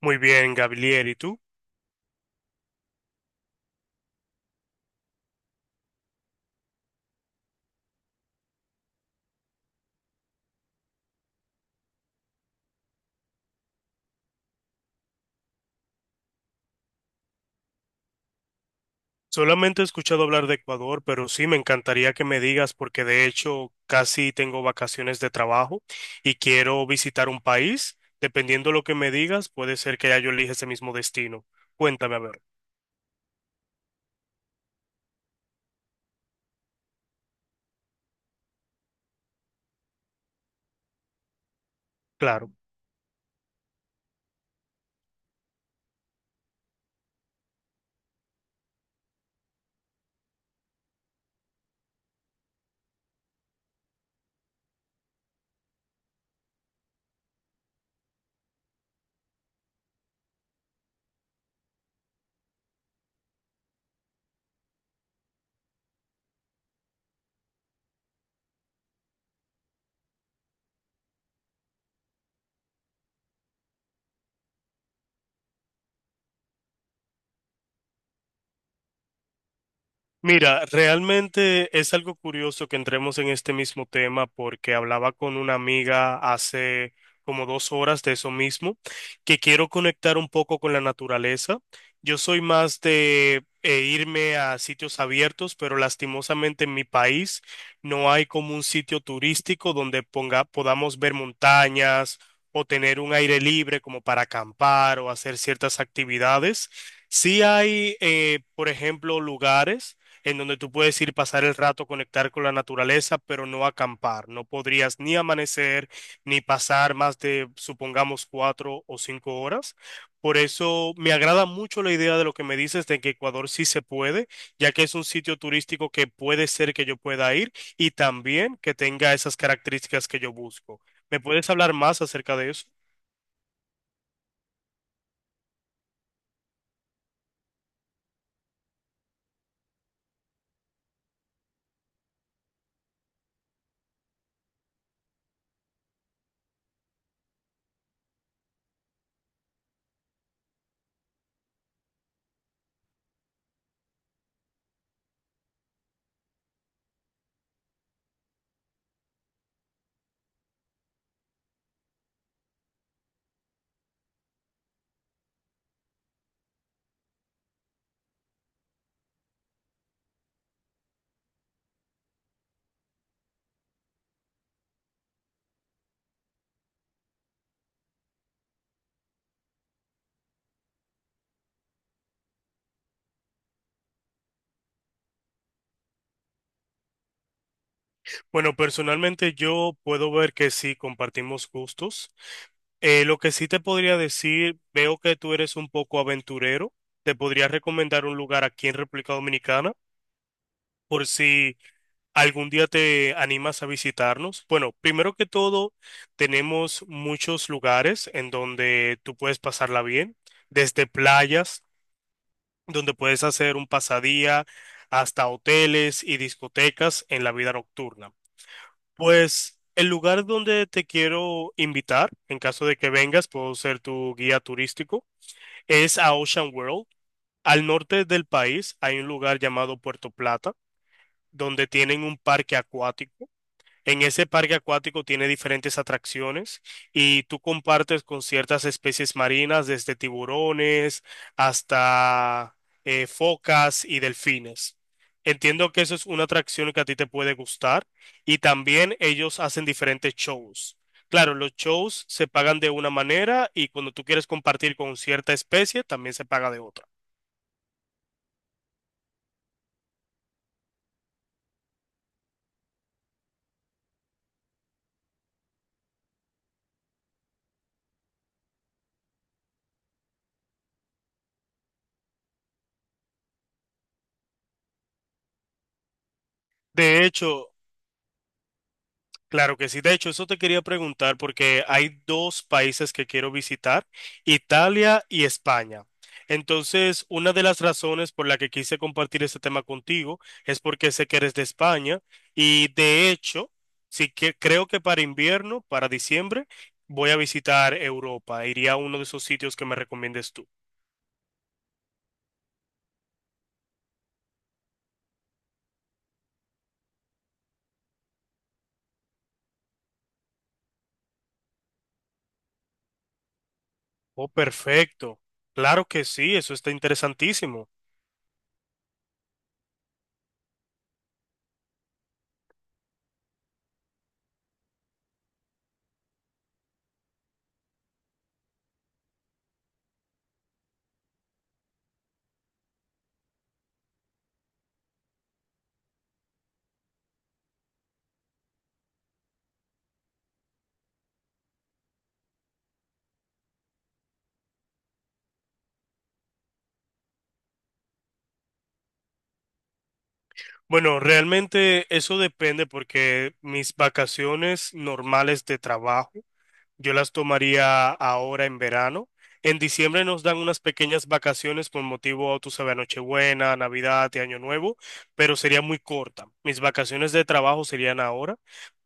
Muy bien, Gabriel, ¿y tú? Solamente he escuchado hablar de Ecuador, pero sí me encantaría que me digas porque de hecho casi tengo vacaciones de trabajo y quiero visitar un país. Dependiendo lo que me digas, puede ser que ya yo elija ese mismo destino. Cuéntame, a ver. Claro. Mira, realmente es algo curioso que entremos en este mismo tema porque hablaba con una amiga hace como dos horas de eso mismo, que quiero conectar un poco con la naturaleza. Yo soy más de irme a sitios abiertos, pero lastimosamente en mi país no hay como un sitio turístico donde ponga, podamos ver montañas o tener un aire libre como para acampar o hacer ciertas actividades. Sí hay, por ejemplo, lugares en donde tú puedes ir pasar el rato, conectar con la naturaleza, pero no acampar. No podrías ni amanecer, ni pasar más de, supongamos, cuatro o cinco horas. Por eso me agrada mucho la idea de lo que me dices de que Ecuador sí se puede, ya que es un sitio turístico que puede ser que yo pueda ir y también que tenga esas características que yo busco. ¿Me puedes hablar más acerca de eso? Bueno, personalmente yo puedo ver que sí compartimos gustos. Lo que sí te podría decir, veo que tú eres un poco aventurero. Te podría recomendar un lugar aquí en República Dominicana por si algún día te animas a visitarnos. Bueno, primero que todo, tenemos muchos lugares en donde tú puedes pasarla bien, desde playas, donde puedes hacer un pasadía, hasta hoteles y discotecas en la vida nocturna. Pues el lugar donde te quiero invitar, en caso de que vengas, puedo ser tu guía turístico, es a Ocean World. Al norte del país hay un lugar llamado Puerto Plata, donde tienen un parque acuático. En ese parque acuático tiene diferentes atracciones y tú compartes con ciertas especies marinas, desde tiburones hasta focas y delfines. Entiendo que eso es una atracción que a ti te puede gustar y también ellos hacen diferentes shows. Claro, los shows se pagan de una manera y cuando tú quieres compartir con cierta especie también se paga de otra. De hecho, claro que sí. De hecho, eso te quería preguntar porque hay dos países que quiero visitar, Italia y España. Entonces, una de las razones por la que quise compartir este tema contigo es porque sé que eres de España y de hecho, sí que creo que para invierno, para diciembre, voy a visitar Europa. Iría a uno de esos sitios que me recomiendes tú. Oh, perfecto. Claro que sí, eso está interesantísimo. Bueno, realmente eso depende porque mis vacaciones normales de trabajo, yo las tomaría ahora en verano. En diciembre nos dan unas pequeñas vacaciones por motivo, tú sabes, Nochebuena, Navidad y Año Nuevo, pero sería muy corta. Mis vacaciones de trabajo serían ahora,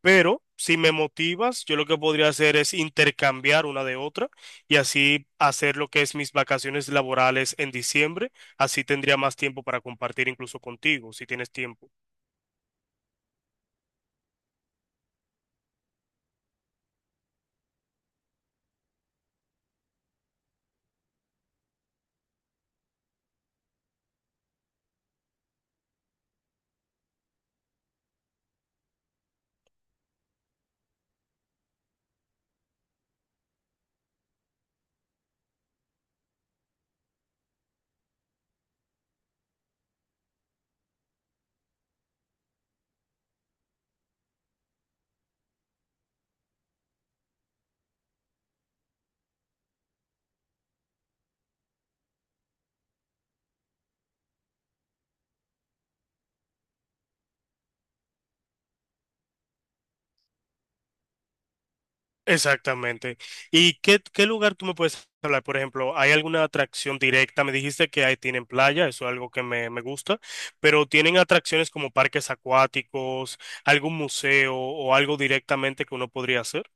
pero si me motivas, yo lo que podría hacer es intercambiar una de otra y así hacer lo que es mis vacaciones laborales en diciembre. Así tendría más tiempo para compartir incluso contigo, si tienes tiempo. Exactamente. ¿Y qué lugar tú me puedes hablar? Por ejemplo, ¿hay alguna atracción directa? Me dijiste que ahí tienen playa, eso es algo que me gusta, pero ¿tienen atracciones como parques acuáticos, algún museo o algo directamente que uno podría hacer?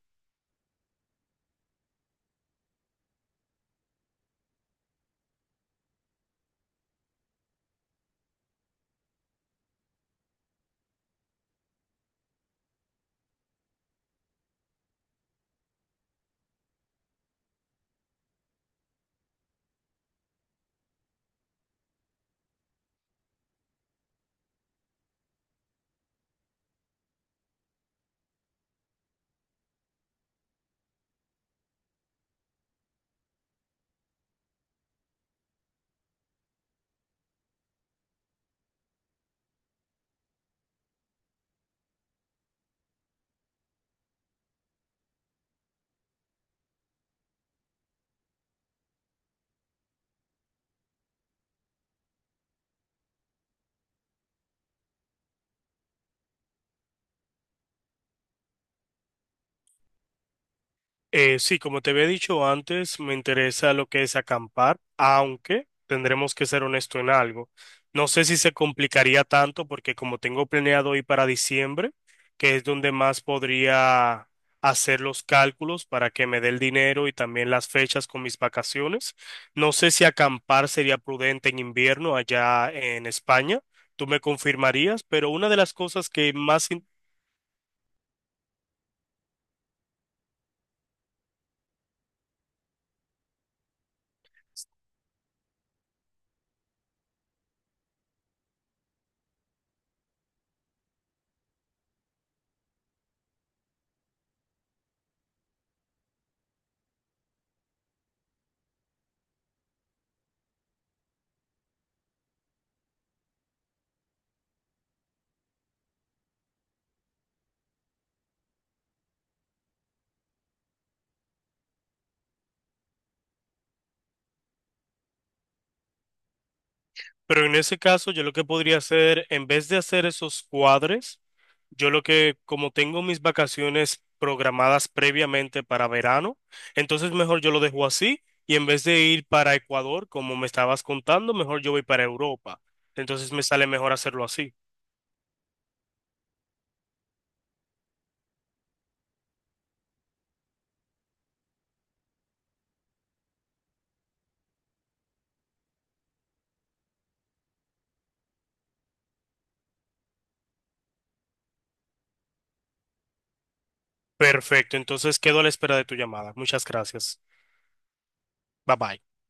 Sí, como te había dicho antes, me interesa lo que es acampar, aunque tendremos que ser honesto en algo. No sé si se complicaría tanto porque como tengo planeado ir para diciembre, que es donde más podría hacer los cálculos para que me dé el dinero y también las fechas con mis vacaciones, no sé si acampar sería prudente en invierno allá en España. Tú me confirmarías, pero una de las cosas que más... in- Pero en ese caso, yo lo que podría hacer, en vez de hacer esos cuadres, yo lo que, como tengo mis vacaciones programadas previamente para verano, entonces mejor yo lo dejo así y en vez de ir para Ecuador, como me estabas contando, mejor yo voy para Europa. Entonces me sale mejor hacerlo así. Perfecto, entonces quedo a la espera de tu llamada. Muchas gracias. Bye bye.